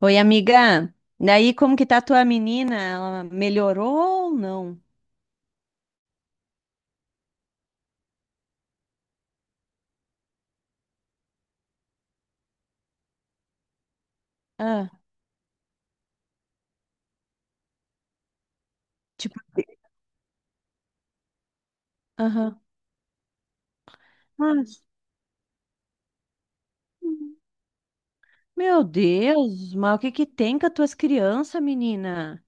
Oi, amiga. Daí, como que tá a tua menina? Ela melhorou ou não? Ah, tipo, aham. Mas, meu Deus, mas o que que tem com as tuas crianças, menina?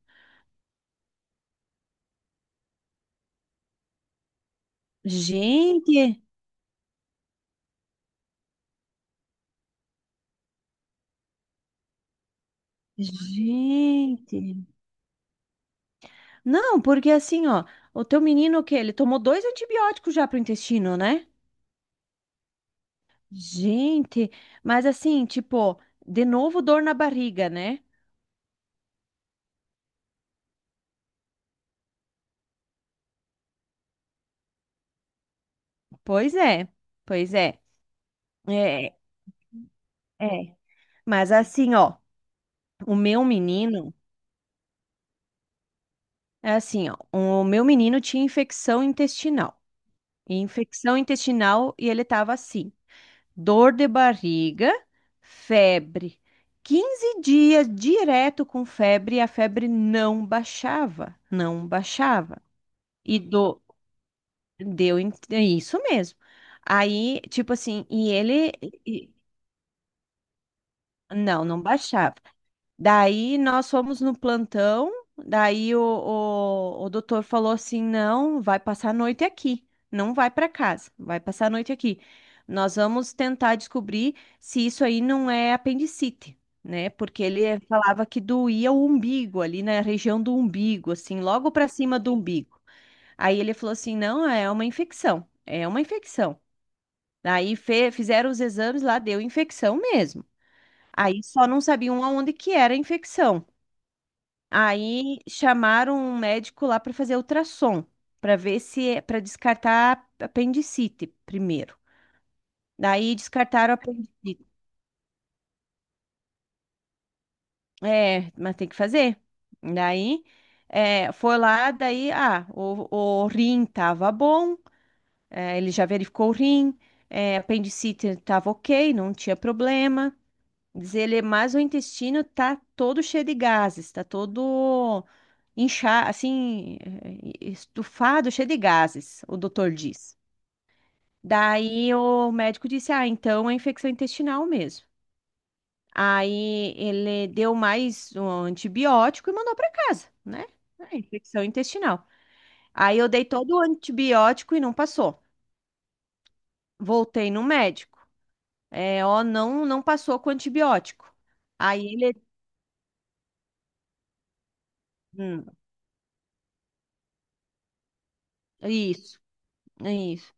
Gente, gente. Não, porque assim, ó, o teu menino o quê? Ele tomou dois antibióticos já pro intestino, né? Gente, mas assim, tipo, de novo dor na barriga, né? Pois é, pois é. É, é. Mas assim, ó. O meu menino, é assim, ó, o meu menino tinha infecção intestinal. E infecção intestinal e ele tava assim, dor de barriga, febre. 15 dias direto com febre e a febre não baixava, não baixava. E do, é isso mesmo. Aí, tipo assim, e ele e- não, não baixava. Daí nós fomos no plantão, daí o doutor falou assim: não, vai passar a noite aqui, não vai para casa, vai passar a noite aqui. Nós vamos tentar descobrir se isso aí não é apendicite, né? Porque ele falava que doía o umbigo, ali na região do umbigo, assim, logo para cima do umbigo. Aí ele falou assim: não, é uma infecção, é uma infecção. Daí fizeram os exames lá, deu infecção mesmo. Aí só não sabiam aonde que era a infecção. Aí chamaram um médico lá para fazer ultrassom, para ver se é para descartar apendicite primeiro. Daí descartaram a apendicite. É, mas tem que fazer. Daí é, foi lá, daí ah, o rim tava bom, é, ele já verificou o rim, é, apendicite tava ok, não tinha problema. Diz ele, mas o intestino tá todo cheio de gases, tá todo inchado, assim, estufado, cheio de gases, o doutor diz. Daí o médico disse: Ah, então é infecção intestinal mesmo. Aí ele deu mais um antibiótico e mandou para casa, né? É infecção intestinal. Aí eu dei todo o antibiótico e não passou. Voltei no médico. É, ó, não, não passou com antibiótico. Aí ele. hum, isso. Isso.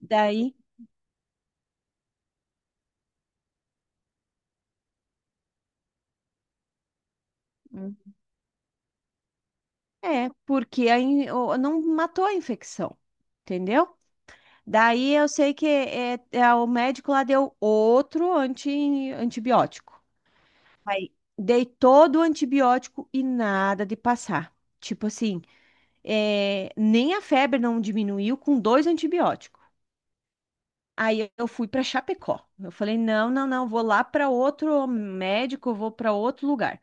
Daí hum, é, porque não matou a infecção, entendeu? Daí eu sei que o médico lá deu outro antibiótico. Aí dei todo o antibiótico e nada de passar. Tipo assim, é, nem a febre não diminuiu com dois antibióticos. Aí eu fui para Chapecó. Eu falei: não, não, não, vou lá para outro médico, vou para outro lugar.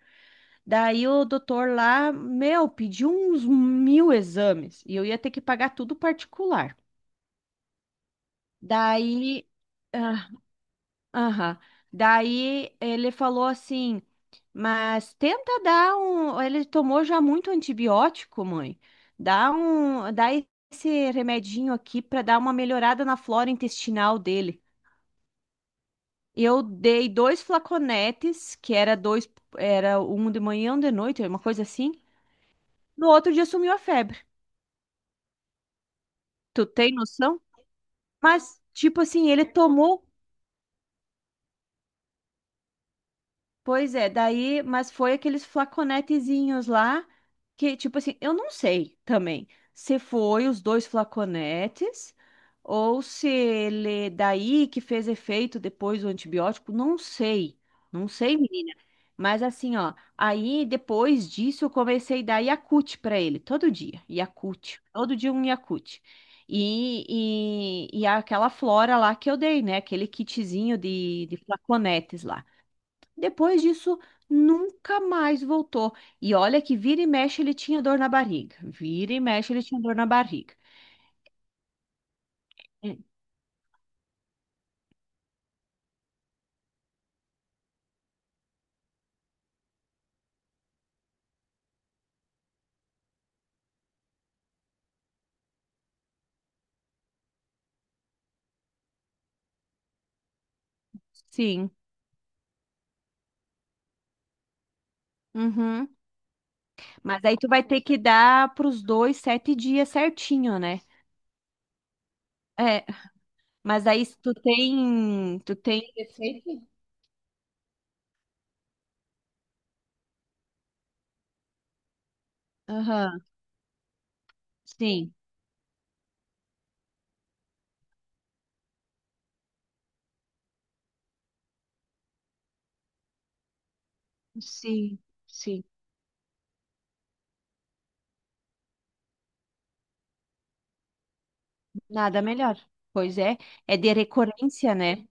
Daí o doutor lá, meu, pediu uns mil exames e eu ia ter que pagar tudo particular. Daí, ah, aham. Daí ele falou assim, mas tenta dar um. Ele tomou já muito antibiótico, mãe. Dá um, dá esse remedinho aqui para dar uma melhorada na flora intestinal dele. Eu dei dois flaconetes, que era dois, era um de manhã, um de noite, uma coisa assim. No outro dia sumiu a febre. Tu tem noção? Mas, tipo assim, ele tomou. Pois é, daí, mas foi aqueles flaconetezinhos lá que, tipo assim, eu não sei também se foi os dois flaconetes ou se ele daí que fez efeito depois o antibiótico, não sei. Não sei, menina. Mas assim, ó, aí depois disso eu comecei a dar Yakult pra ele todo dia, Yakult, todo dia um Yakult. E, e aquela flora lá que eu dei, né? Aquele kitzinho de flaconetes lá. Depois disso, nunca mais voltou. E olha que vira e mexe ele tinha dor na barriga. Vira e mexe ele tinha dor na barriga. É. Sim. Uhum. Mas aí tu vai ter que dar para os dois sete dias certinho, né? É. Mas aí se tu tem, tu tem receita? Aham. Sim, sim, sim. Nada melhor. Pois é, é de recorrência, né?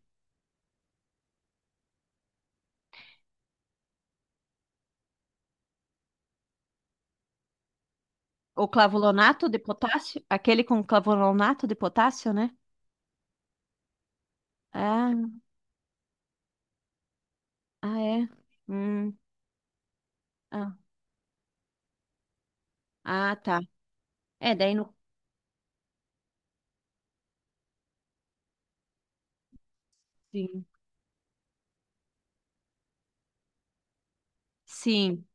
O clavulonato de potássio, aquele com clavulonato de potássio, né? Ah, ah, é. Hum. Ah, ah, tá. É, daí no. Sim. Sim.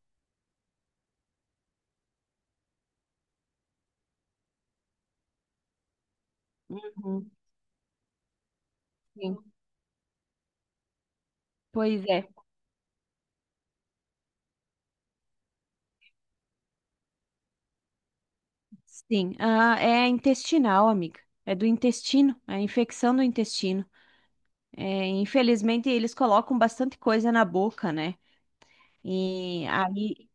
Uhum, sim. Pois é. Sim. Ah, é intestinal, amiga. É do intestino. É a infecção do intestino. É, infelizmente, eles colocam bastante coisa na boca, né? E aí.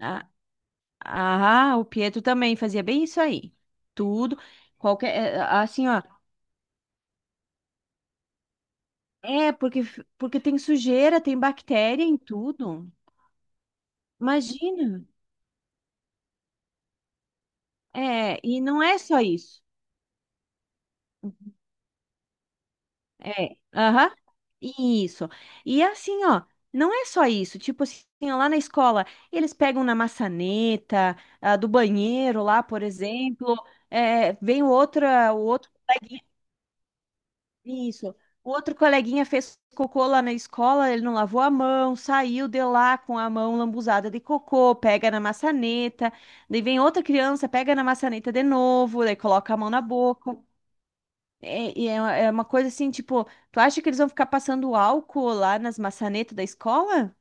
a- Ah, o Pietro também fazia bem isso aí. Tudo. Qualquer. É, Assim, ó. É, porque, porque tem sujeira, tem bactéria em tudo. Imagina. É, e não é só isso. É, aham, isso. E assim, ó, não é só isso. Tipo assim, ó, lá na escola, eles pegam na maçaneta, ah, do banheiro lá, por exemplo, é, vem outra, o outro, isso. O outro coleguinha fez cocô lá na escola, ele não lavou a mão, saiu de lá com a mão lambuzada de cocô, pega na maçaneta, daí vem outra criança, pega na maçaneta de novo, daí coloca a mão na boca. É, e é uma coisa assim, tipo, tu acha que eles vão ficar passando álcool lá nas maçanetas da escola?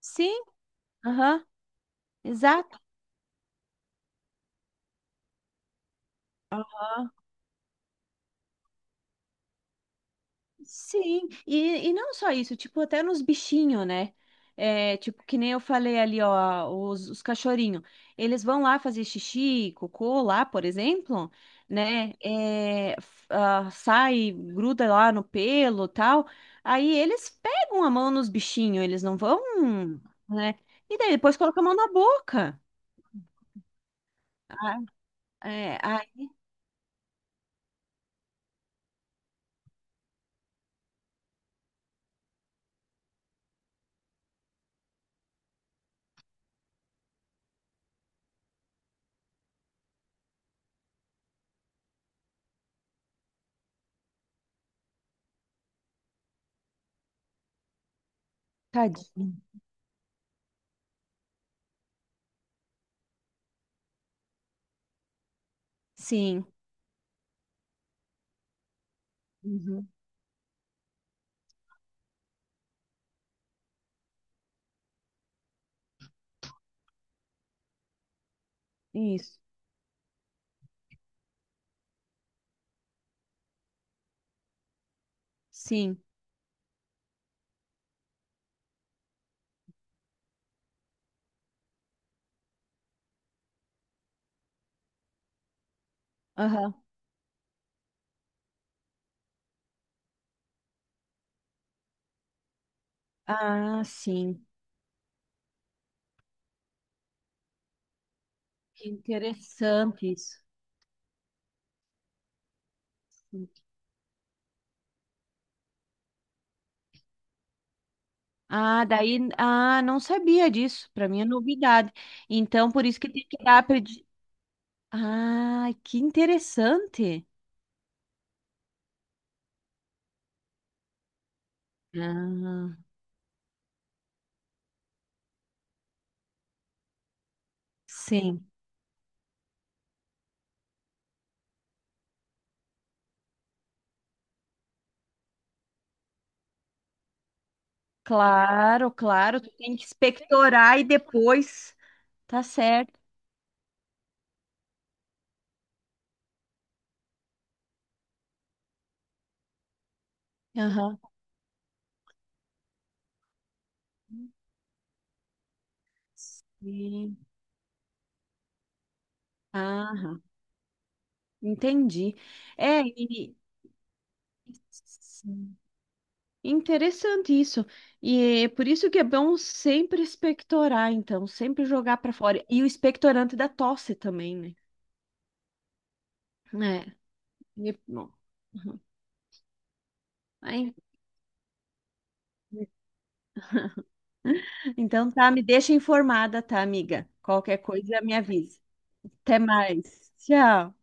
Sim. Aham, exato. Sim, e não só isso, tipo, até nos bichinhos, né? É, tipo, que nem eu falei ali, ó, os cachorrinhos. Eles vão lá fazer xixi, cocô lá, por exemplo, né? É, ah, sai, gruda lá no pelo tal. Aí eles pegam a mão nos bichinhos, eles não vão, né? E daí depois colocam a mão na boca. Ah, é, ai, tadinho. Sim. Uhum. Isso. Sim. Aham. Ah, sim. Que interessante isso. Ah, daí, ah, não sabia disso. Para mim é novidade. Então, por isso que tem que dar predi... Ah, que interessante. Ah, sim. Claro, claro, tu tem que expectorar e depois, tá certo. Aham. Sim. Aham. Entendi. É, e interessante isso. E é por isso que é bom sempre expectorar, então, sempre jogar para fora. E o expectorante da tosse também, né? É. E, é bom, aí- Então tá, me deixa informada, tá, amiga? Qualquer coisa, me avisa. Até mais. Tchau.